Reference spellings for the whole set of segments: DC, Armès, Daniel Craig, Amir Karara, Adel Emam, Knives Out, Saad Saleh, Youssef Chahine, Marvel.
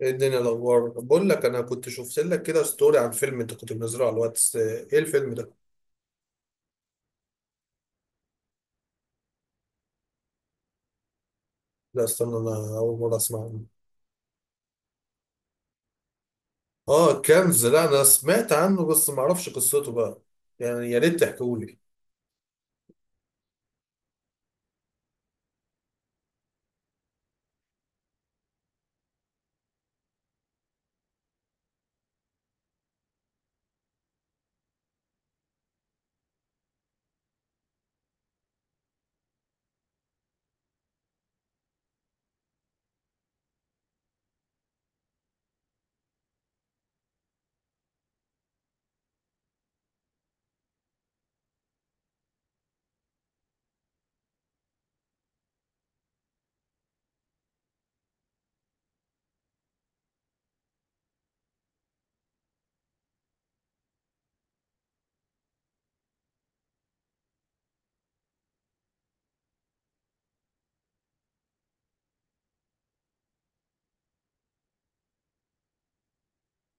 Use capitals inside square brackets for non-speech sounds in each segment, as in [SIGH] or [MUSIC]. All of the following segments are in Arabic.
ايه الدنيا، الاخبار؟ بقول لك، انا كنت شفت لك كده ستوري عن فيلم انت كنت منزله على الواتس. ايه الفيلم ده؟ لا استنى، انا اول مره اسمع عنه. اه كنز، لا انا سمعت عنه بس ما اعرفش قصته بقى. يعني يا ريت تحكولي.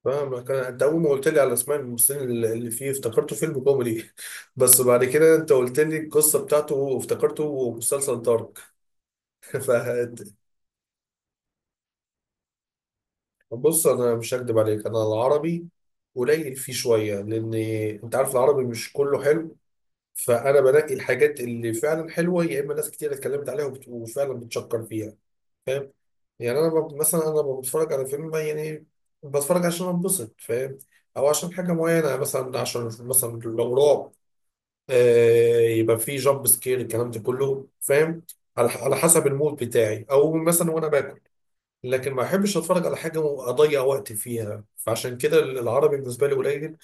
فاهمك، انا انت اول ما قلت لي على اسماء الممثلين اللي فيه افتكرته فيلم كوميدي [LAUGHS] بس بعد كده انت قلت لي القصه بتاعته وافتكرته مسلسل دارك. [LAUGHS] فانت، بص انا مش هكدب عليك، انا العربي قليل فيه شويه، لان انت عارف العربي مش كله حلو. فانا بنقي الحاجات اللي فعلا حلوه، يا اما ناس كتير اتكلمت عليها وفعلا بتشكر فيها. فاهم؟ يعني مثلا بتفرج على فيلم يعني، بتفرج عشان انبسط، فاهم؟ او عشان حاجه معينه، مثلا عشان مثلا لو رعب، يبقى فيه جامب سكير الكلام ده كله، فاهم؟ على على حسب المود بتاعي، او مثلا وانا باكل. لكن ما احبش اتفرج على حاجه واضيع وقت فيها، فعشان كده العربي بالنسبه لي قليل.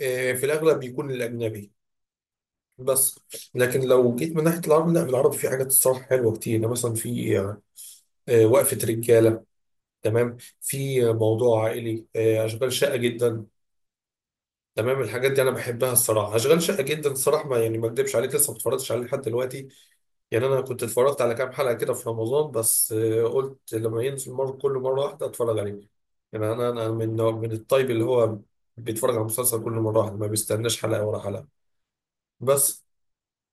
في الاغلب بيكون الاجنبي. بس لكن لو جيت من ناحيه العربي، لا العربي في حاجات الصراحه حلوه كتير، يعني مثلا في وقفه رجاله، تمام، في موضوع عائلي، اشغال شاقه جدا، تمام. الحاجات دي انا بحبها الصراحه. اشغال شاقه جدا الصراحه، ما يعني ما اكدبش عليك، لسه ما اتفرجتش عليه لحد دلوقتي. يعني انا كنت اتفرجت على كام حلقه كده في رمضان بس، قلت لما ينزل مره كل مره واحده اتفرج عليه. يعني انا من الطيب اللي هو بيتفرج على المسلسل كل مره واحده، ما بيستناش حلقه ورا حلقه. بس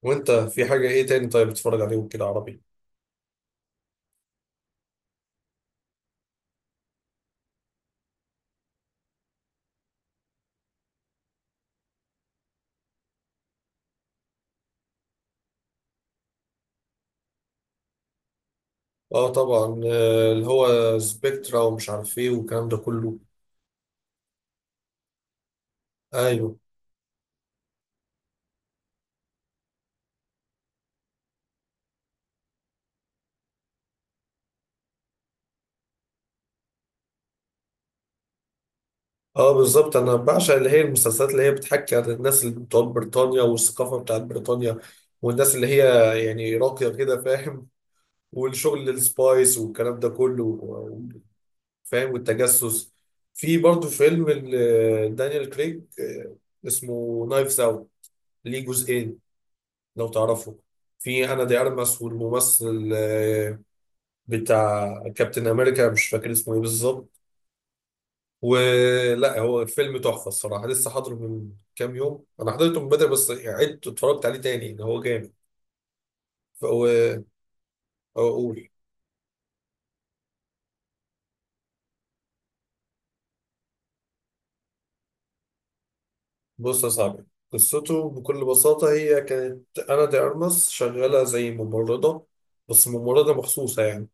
وانت في حاجه ايه تاني طيب بتتفرج عليه كده عربي؟ اه طبعا، اللي هو سبيكترا ومش عارف ايه والكلام ده كله. ايوه. اه بالظبط، انا بعشق اللي هي المسلسلات اللي هي بتحكي عن الناس اللي بتوع بريطانيا والثقافه بتاعت بريطانيا، والناس اللي هي يعني راقيه كده، فاهم؟ والشغل السبايس والكلام ده كله فاهم، والتجسس. في برضه فيلم دانيال كريج، اسمه نايفز اوت، ليه جزئين لو تعرفوا. في انا دي ارمس والممثل، بتاع كابتن امريكا مش فاكر اسمه ايه بالظبط، ولا هو فيلم تحفه الصراحه. لسه حاضره من كام يوم، انا حضرته من بدري بس عدت اتفرجت عليه تاني، ان هو جامد. فهو اقول، بص يا صاحبي، قصته بكل بساطة، هي كانت أنا دي أرمس شغالة زي ممرضة، بس ممرضة مخصوصة يعني،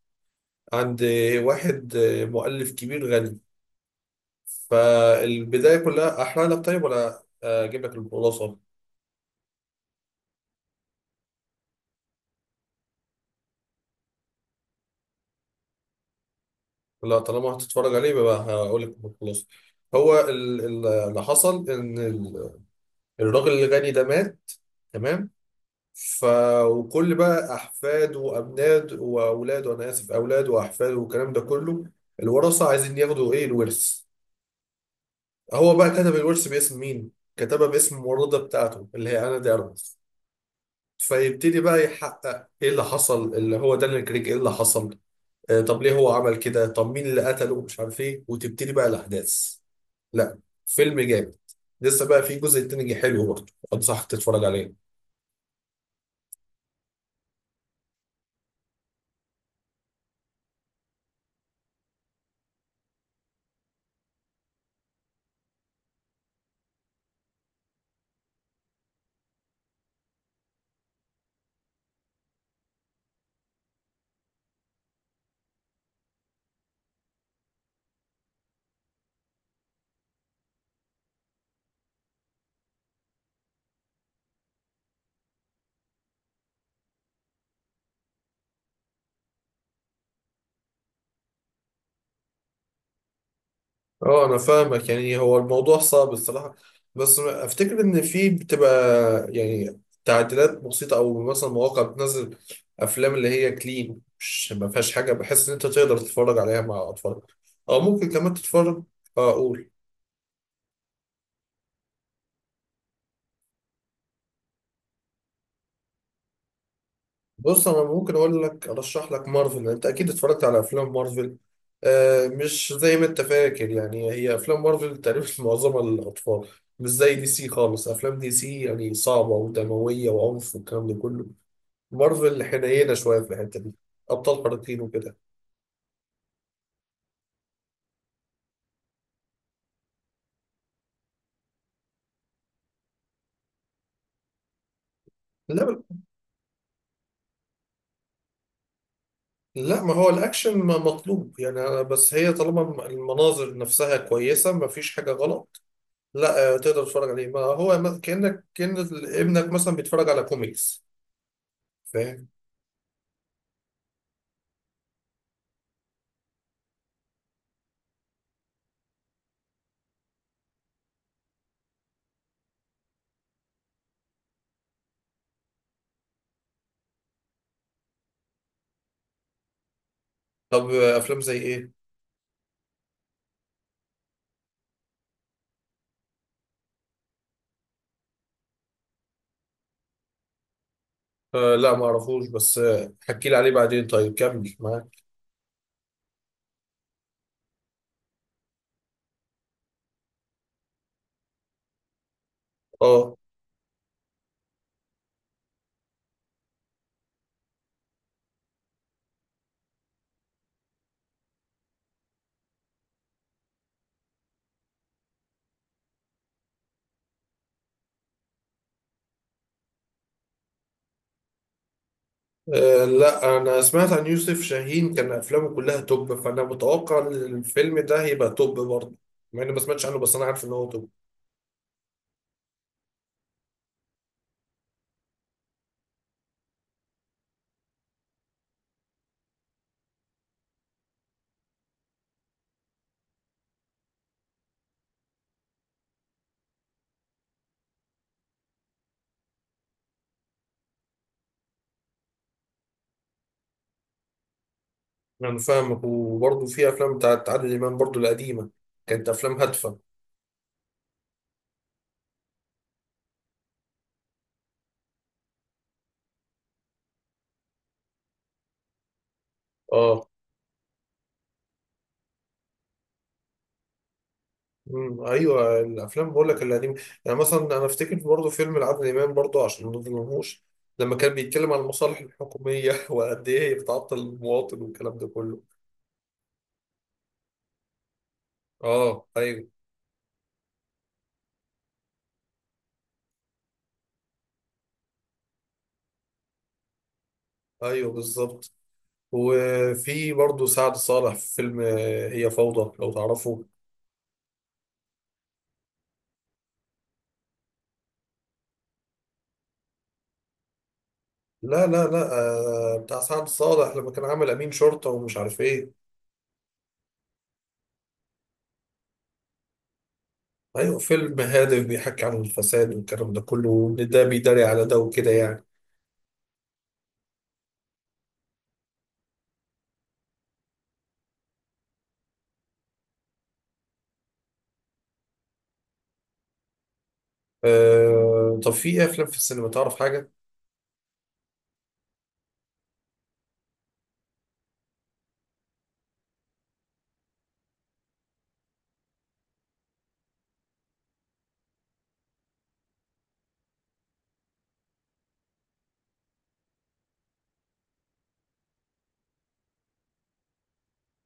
عند واحد مؤلف كبير غني. فالبداية كلها أحرق لك طيب ولا أجيب لك الخلاصة؟ لا طالما هتتفرج عليه يبقى هقول لك الخلاصة. هو اللي حصل إن الراجل الغني ده مات، تمام. ف، وكل بقى احفاد وابناد واولاد، وانا اسف، اولاد واحفاد والكلام ده كله، الورثه عايزين ياخدوا ايه الورث. هو بقى كتب الورث باسم مين؟ كتبه باسم الممرضه بتاعته اللي هي انا دي أرمس. فيبتدي بقى يحقق ايه اللي حصل، اللي هو دانيال كريج، ايه اللي حصل؟ آه، طب ليه هو عمل كده؟ طب مين اللي قتله؟ مش عارف ايه، وتبتدي بقى الاحداث. لا، فيلم جامد. لسه بقى في جزء تاني حلو برضه، انصحك تتفرج عليه. اه انا فاهمك، يعني هو الموضوع صعب الصراحه، بس افتكر ان في بتبقى يعني تعديلات بسيطه، او مثلا مواقع بتنزل افلام اللي هي كلين، مش ما فيهاش حاجه، بحس ان انت تقدر تتفرج عليها مع اطفالك، او ممكن كمان تتفرج. آه، اقول بص انا ممكن اقول لك ارشح لك مارفل، انت اكيد اتفرجت على افلام مارفل. مش زي ما انت فاكر، يعني هي افلام مارفل تقريبا [LAUGHS] معظمها للاطفال، مش زي دي سي خالص. افلام دي سي يعني صعبه ودمويه وعنف والكلام ده كله، مارفل حنينه شويه في الحته دي، ابطال خارقين وكده. لا، لا ما هو الاكشن ما مطلوب يعني، بس هي طالما المناظر نفسها كويسه ما فيش حاجه غلط. لا، تقدر تتفرج عليه، ما هو كانك كان ابنك مثلا بيتفرج على كوميكس، فاهم. طب افلام زي ايه؟ آه لا ما اعرفوش، بس حكي لي عليه بعدين، طيب كمل معاك. اه، لا انا سمعت عن يوسف شاهين، كان افلامه كلها توب، فانا متوقع ان الفيلم ده هيبقى توب برضه، مع اني ما سمعتش عنه بس انا عارف ان هو توب. انا فاهمك، وبرضه في افلام بتاعت عادل امام برضه القديمه، كانت افلام هادفه. اه. امم، ايوه الافلام بقول لك القديمه، يعني مثلا انا افتكر برضه فيلم لعادل امام برضه عشان ما نظلمهوش، لما كان بيتكلم عن المصالح الحكوميه [LAUGHS] وقد ايه هي بتعطل المواطن والكلام ده كله. اه ايوه. ايوه بالظبط. وفي برضه سعد صالح في فيلم هي فوضى لو تعرفه. لا. آه بتاع سعد صالح لما كان عامل امين شرطه ومش عارف ايه. ايوه، فيلم هادف بيحكي عن الفساد والكلام ده كله، وان ده بيداري على ده وكده يعني. آه طب في إيه افلام في السينما تعرف حاجه؟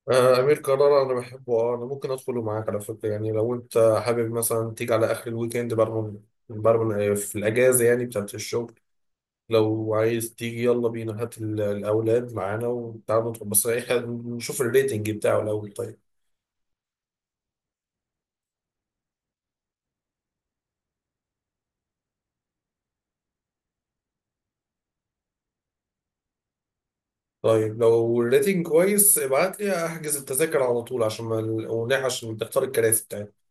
آه امير كرارة انا بحبه، اه انا ممكن ادخله معاك على فكره، يعني لو انت حابب مثلا تيجي على اخر الويكند، برمن في الاجازه يعني بتاعت الشغل، لو عايز تيجي يلا بينا، هات الاولاد معانا وتعالوا ندخل. بس إيه، إحنا نشوف الريتنج بتاعه الاول طيب. طيب لو الريتنج كويس ابعت لي احجز التذاكر على طول، عشان ما ونحش، عشان تختار الكراسي بتاعتنا.